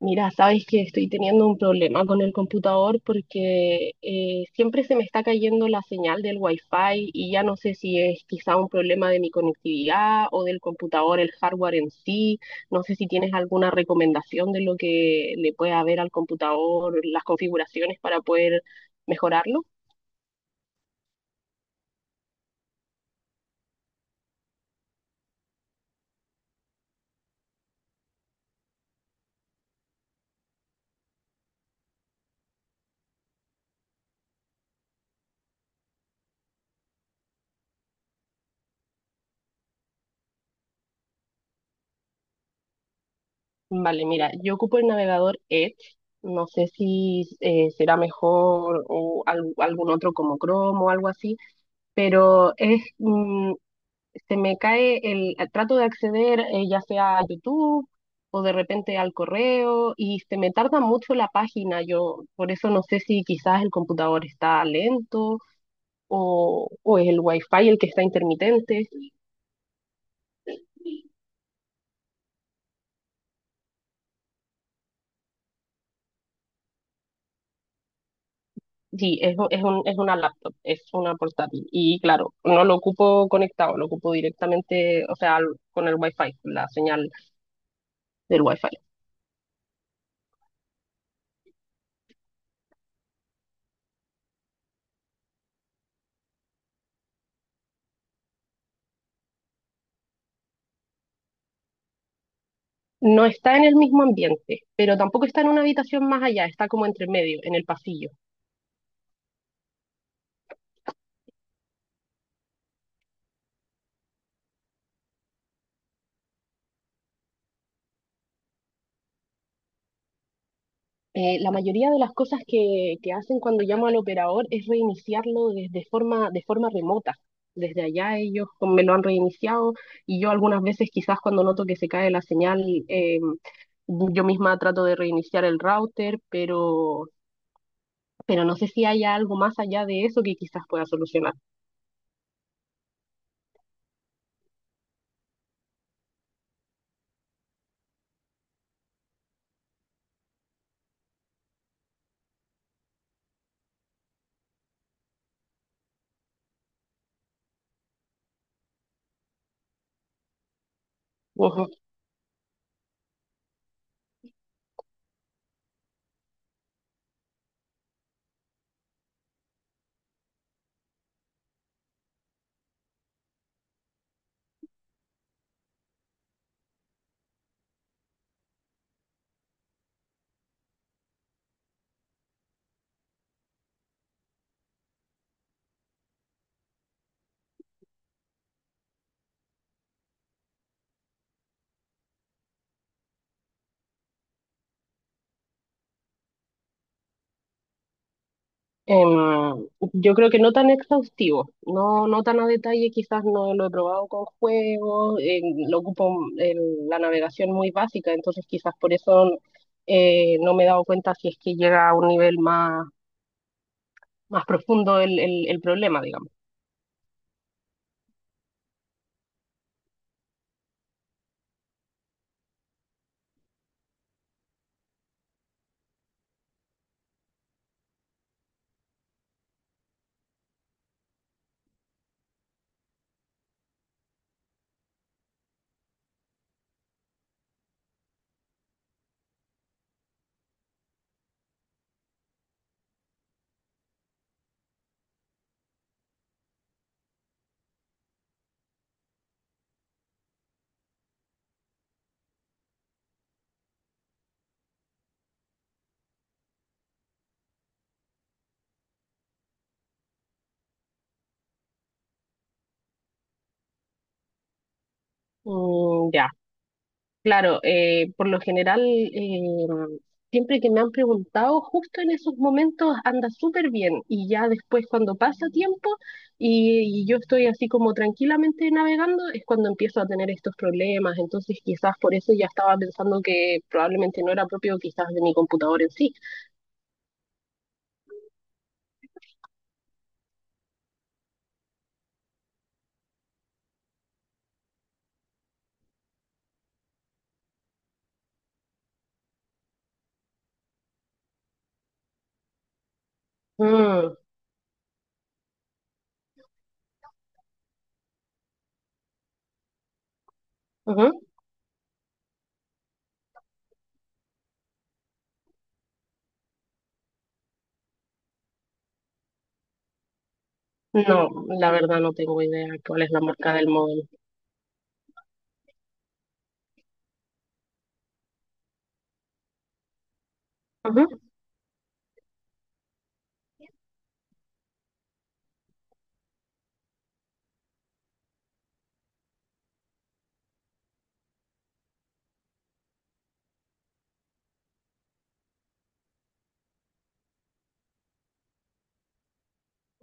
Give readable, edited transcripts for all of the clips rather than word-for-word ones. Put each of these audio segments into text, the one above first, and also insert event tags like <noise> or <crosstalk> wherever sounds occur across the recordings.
Mira, sabes que estoy teniendo un problema con el computador porque siempre se me está cayendo la señal del Wi-Fi y ya no sé si es quizá un problema de mi conectividad o del computador, el hardware en sí. No sé si tienes alguna recomendación de lo que le puede haber al computador, las configuraciones para poder mejorarlo. Vale, mira, yo ocupo el navegador Edge. No sé si será mejor o algún otro como Chrome o algo así, pero se me cae trato de acceder, ya sea a YouTube o de repente al correo, y se me tarda mucho la página. Yo por eso no sé si quizás el computador está lento o es el wifi el que está intermitente. Sí, es una laptop, es una portátil. Y claro, no lo ocupo conectado, lo ocupo directamente, o sea, con el Wi-Fi, la señal del Wi-Fi. No está en el mismo ambiente, pero tampoco está en una habitación más allá, está como entre medio, en el pasillo. La mayoría de las cosas que hacen cuando llamo al operador es reiniciarlo desde forma, de forma remota. Desde allá ellos me lo han reiniciado, y yo algunas veces quizás cuando noto que se cae la señal, yo misma trato de reiniciar el router, pero no sé si haya algo más allá de eso que quizás pueda solucionar. Em, yo creo que no tan exhaustivo, no, no tan a detalle, quizás no lo he probado con juegos. Lo ocupo en la navegación muy básica, entonces quizás por eso no me he dado cuenta si es que llega a un nivel más, más profundo el problema, digamos. Ya. Claro, por lo general, siempre que me han preguntado, justo en esos momentos anda súper bien, y ya después cuando pasa tiempo y yo estoy así como tranquilamente navegando, es cuando empiezo a tener estos problemas. Entonces quizás por eso ya estaba pensando que probablemente no era propio quizás de mi computador en sí. Mm. Ujú. No, la verdad no tengo idea cuál es la marca del móvil. Ujú.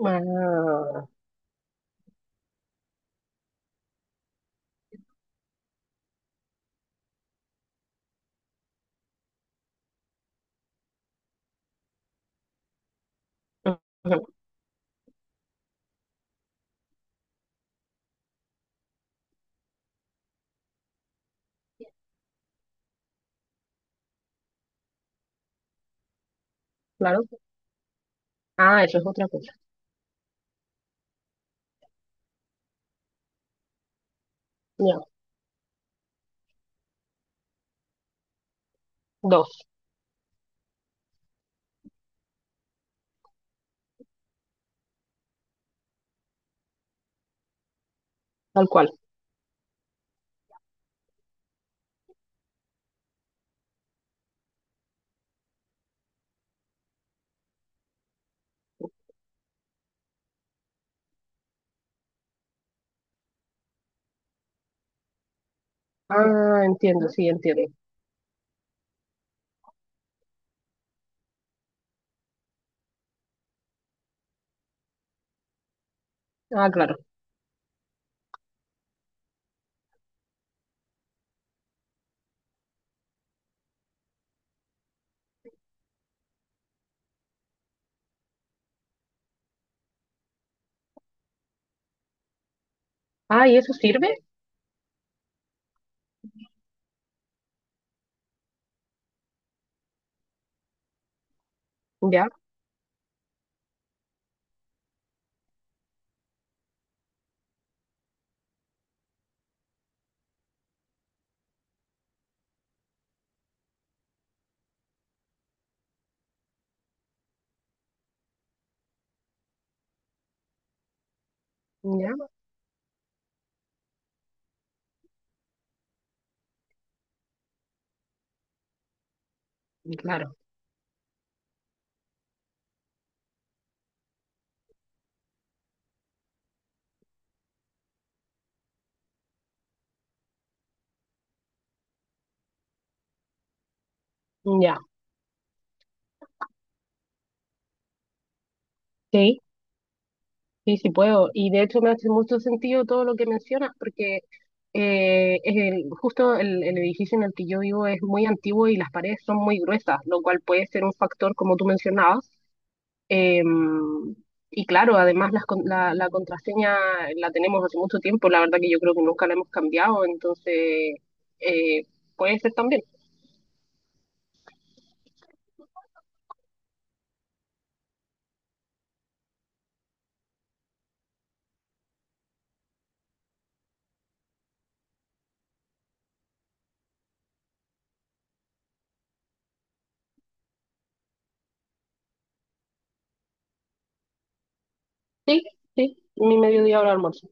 Ah, ujú. Claro. Ah, eso es otra cosa. Ya, dos, tal cual. Ah, entiendo, sí, entiendo. Ah, claro. Ah, ¿y eso sirve? Ya, ya, claro, ya. Sí, sí, sí puedo. Y de hecho me hace mucho sentido todo lo que mencionas, porque es justo el edificio en el que yo vivo es muy antiguo y las paredes son muy gruesas, lo cual puede ser un factor, como tú mencionabas. Em, y claro, además las la contraseña la tenemos hace mucho tiempo, la verdad que yo creo que nunca la hemos cambiado, entonces eh, puede ser también. Sí, sí, mi mediodía hora de almuerzo.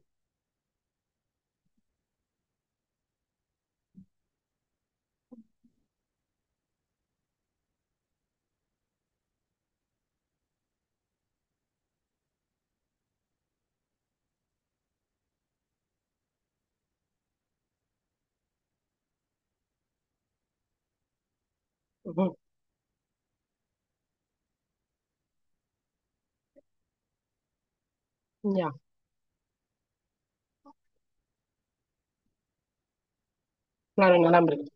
Ujú. Ya, claro, inalámbrico.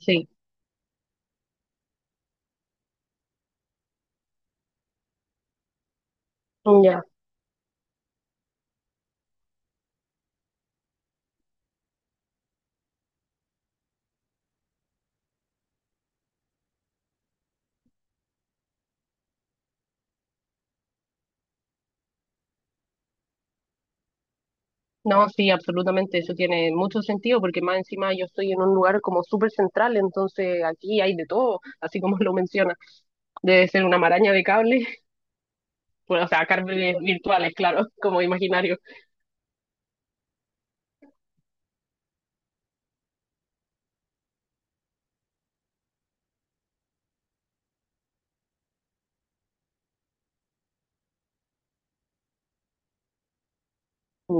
Sí, ya. No, sí, absolutamente, eso tiene mucho sentido porque más encima yo estoy en un lugar como súper central, entonces aquí hay de todo, así como lo menciona. Debe ser una maraña de cables, <laughs> bueno, o sea, cables virtuales, claro, <laughs> como imaginarios.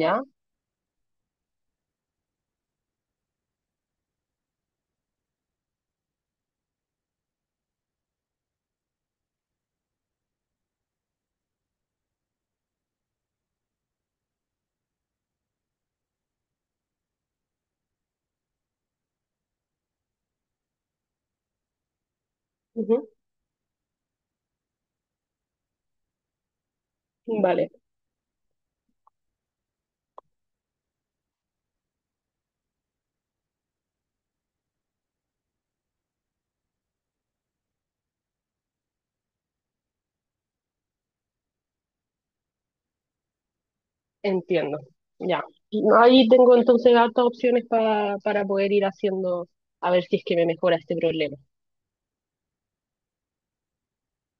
Ya, ujú. Vale, entiendo. Ya. No, ahí tengo entonces hartas opciones para poder ir haciendo, a ver si es que me mejora este problema.